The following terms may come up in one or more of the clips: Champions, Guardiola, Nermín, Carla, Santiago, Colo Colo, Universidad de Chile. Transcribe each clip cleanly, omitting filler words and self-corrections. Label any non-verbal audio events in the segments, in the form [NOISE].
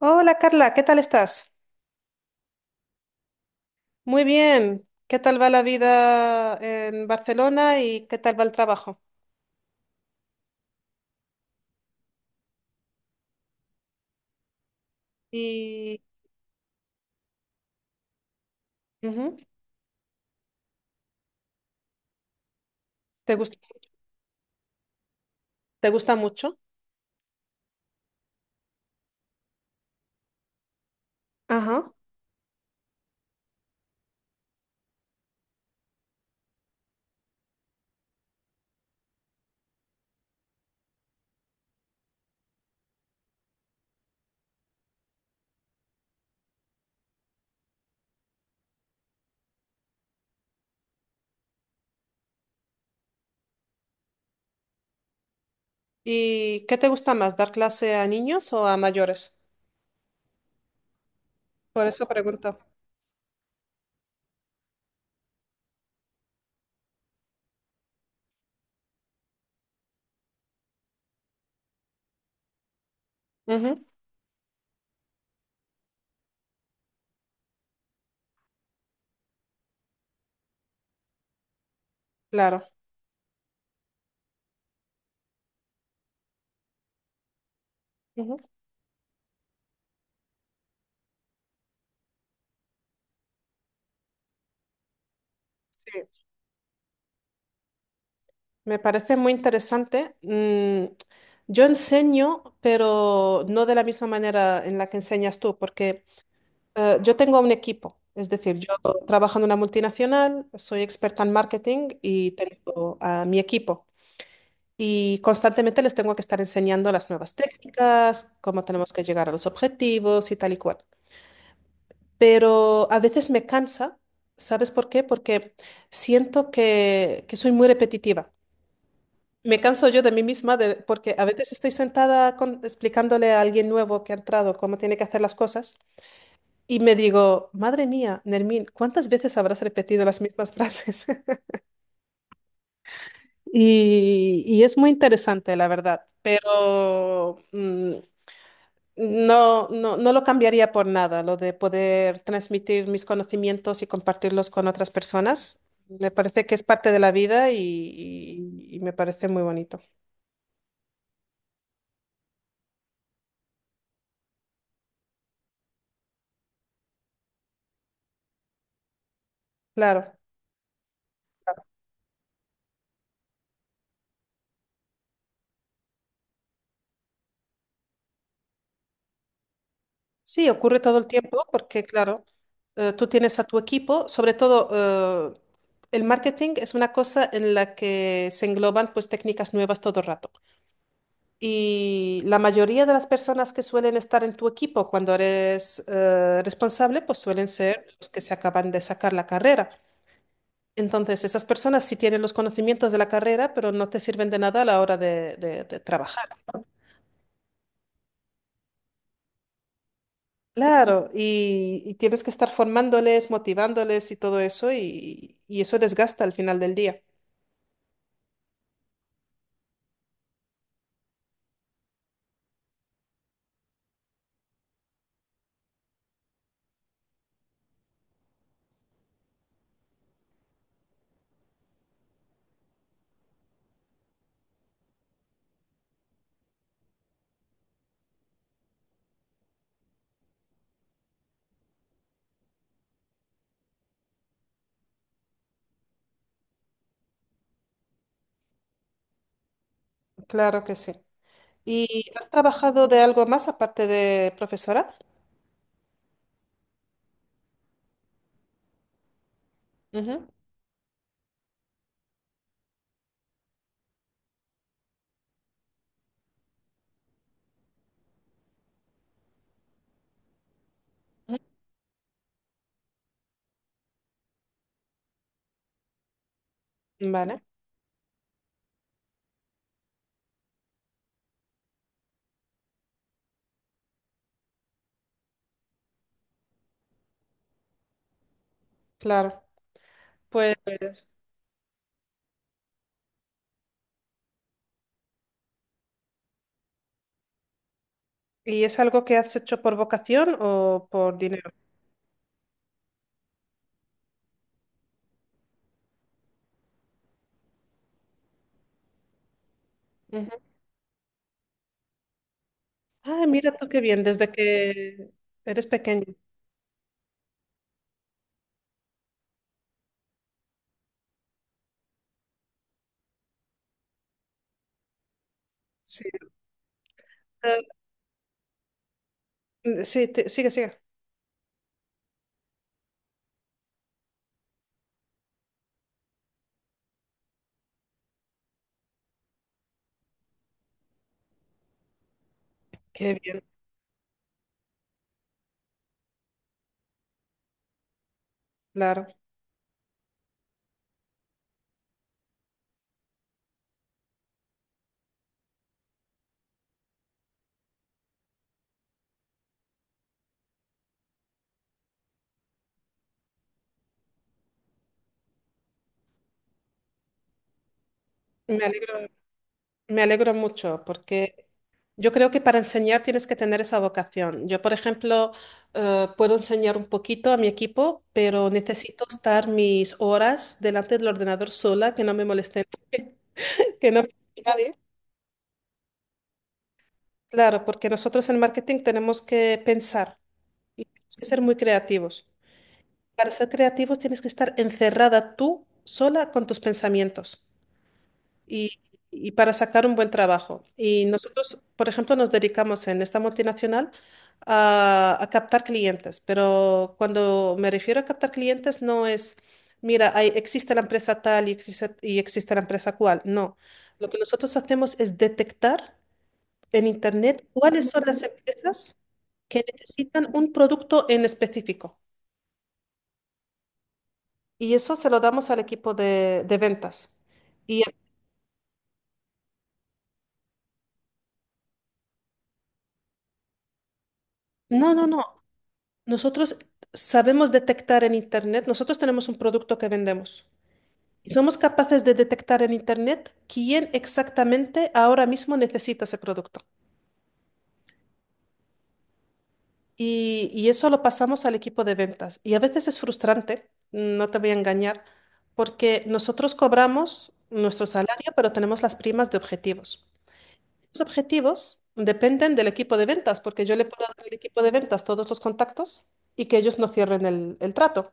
Hola Carla, ¿qué tal estás? Muy bien. ¿Qué tal va la vida en Barcelona y qué tal va el trabajo? Y ujú. ¿Te gusta, ¿Te gusta mucho? Ajá. ¿Y qué te gusta más, dar clase a niños o a mayores? Por eso pregunto. Ujú. Claro. Ujú. Sí. Me parece muy interesante. Yo enseño, pero no de la misma manera en la que enseñas tú, porque yo tengo un equipo, es decir, yo trabajo en una multinacional, soy experta en marketing y tengo a mi equipo. Y constantemente les tengo que estar enseñando las nuevas técnicas, cómo tenemos que llegar a los objetivos y tal y cual. Pero a veces me cansa, ¿sabes por qué? Porque siento que soy muy repetitiva. Me canso yo de mí misma porque a veces estoy sentada explicándole a alguien nuevo que ha entrado cómo tiene que hacer las cosas. Y me digo, madre mía, Nermín, ¿cuántas veces habrás repetido las mismas frases? [LAUGHS] Y es muy interesante, la verdad, pero no, no, no lo cambiaría por nada, lo de poder transmitir mis conocimientos y compartirlos con otras personas. Me parece que es parte de la vida y me parece muy bonito. Claro. Sí, ocurre todo el tiempo porque, claro, tú tienes a tu equipo, sobre todo el marketing es una cosa en la que se engloban pues técnicas nuevas todo el rato. Y la mayoría de las personas que suelen estar en tu equipo cuando eres responsable, pues suelen ser los que se acaban de sacar la carrera. Entonces, esas personas sí tienen los conocimientos de la carrera, pero no te sirven de nada a la hora de trabajar. Claro, y tienes que estar formándoles, motivándoles y todo eso, y eso desgasta al final del día. Claro que sí. ¿Y has trabajado de algo más aparte de profesora? Ujú. Vale, claro. Pues, ¿y es algo que has hecho por vocación o por dinero? Ujú. Ay, mira tú qué bien, desde que eres pequeño. Sí. Sí, sigue, sigue. Qué bien, claro. Me alegro, me alegro mucho porque yo creo que para enseñar tienes que tener esa vocación. Yo, por ejemplo, puedo enseñar un poquito a mi equipo, pero necesito estar mis horas delante del ordenador sola, que no me molesten, [LAUGHS] que no me moleste nadie. Claro, porque nosotros en marketing tenemos que pensar y tenemos que ser muy creativos. Para ser creativos tienes que estar encerrada tú sola con tus pensamientos y, y para sacar un buen trabajo. Y nosotros, por ejemplo, nos dedicamos en esta multinacional a captar clientes, pero cuando me refiero a captar clientes no es, mira, existe la empresa tal y existe la empresa cual. No, lo que nosotros hacemos es detectar en Internet cuáles son las empresas que necesitan un producto en específico. Y eso se lo damos al equipo de ventas. Y no, no, no. Nosotros sabemos detectar en Internet, nosotros tenemos un producto que vendemos. Y somos capaces de detectar en Internet quién exactamente ahora mismo necesita ese producto. Y eso lo pasamos al equipo de ventas. Y a veces es frustrante, no te voy a engañar, porque nosotros cobramos nuestro salario, pero tenemos las primas de objetivos. Los objetivos dependen del equipo de ventas, porque yo le puedo dar al equipo de ventas todos los contactos y que ellos no cierren el trato.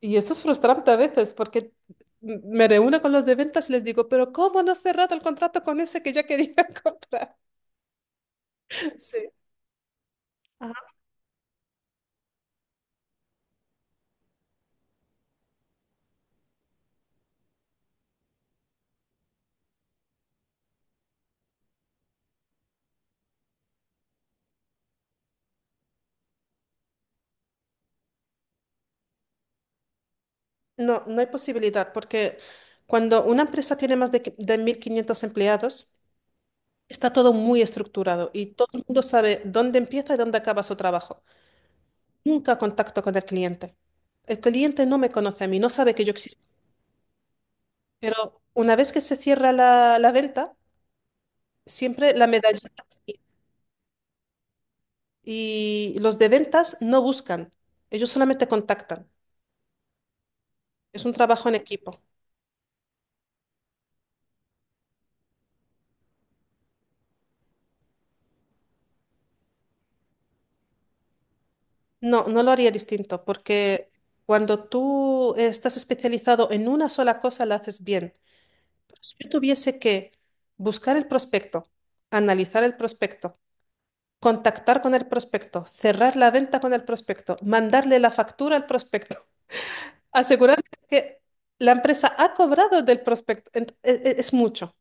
Y eso es frustrante a veces porque me reúno con los de ventas y les digo, pero ¿cómo no has cerrado el contrato con ese que ya quería [LAUGHS] comprar? Sí. Ajá. No, no hay posibilidad porque cuando una empresa tiene más de 1.500 empleados, está todo muy estructurado y todo el mundo sabe dónde empieza y dónde acaba su trabajo. Nunca contacto con el cliente. El cliente no me conoce a mí, no sabe que yo existo. Pero una vez que se cierra la venta, siempre la medallita. Sí. Y los de ventas no buscan, ellos solamente contactan. Es un trabajo en equipo. No, no lo haría distinto, porque cuando tú estás especializado en una sola cosa, la haces bien. Pero si yo tuviese que buscar el prospecto, analizar el prospecto, contactar con el prospecto, cerrar la venta con el prospecto, mandarle la factura al prospecto, [LAUGHS] asegurarme que la empresa ha cobrado del prospecto, es mucho.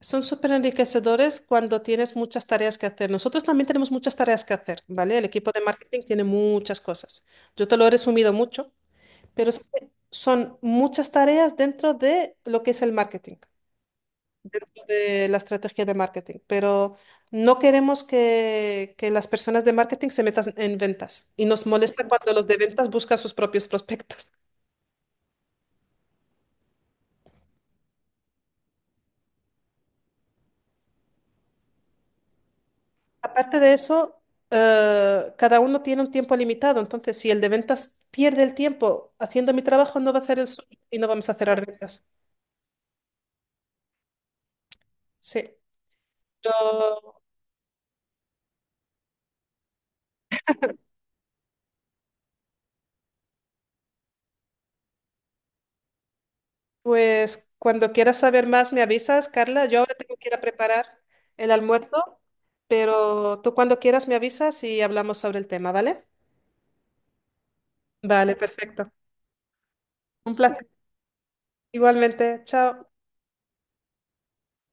Son súper enriquecedores cuando tienes muchas tareas que hacer. Nosotros también tenemos muchas tareas que hacer, ¿vale? El equipo de marketing tiene muchas cosas. Yo te lo he resumido mucho, pero es que son muchas tareas dentro de lo que es el marketing, dentro de la estrategia de marketing. Pero no queremos que las personas de marketing se metan en ventas y nos molesta cuando los de ventas buscan sus propios prospectos. Aparte de eso, cada uno tiene un tiempo limitado, entonces si el de ventas pierde el tiempo haciendo mi trabajo, no va a hacer el suyo y no vamos a cerrar ventas. Sí. Pero, pues cuando quieras saber más, me avisas, Carla. Yo ahora tengo que ir a preparar el almuerzo, pero tú cuando quieras me avisas y hablamos sobre el tema, ¿vale? Vale, perfecto. Un placer. Igualmente, chao.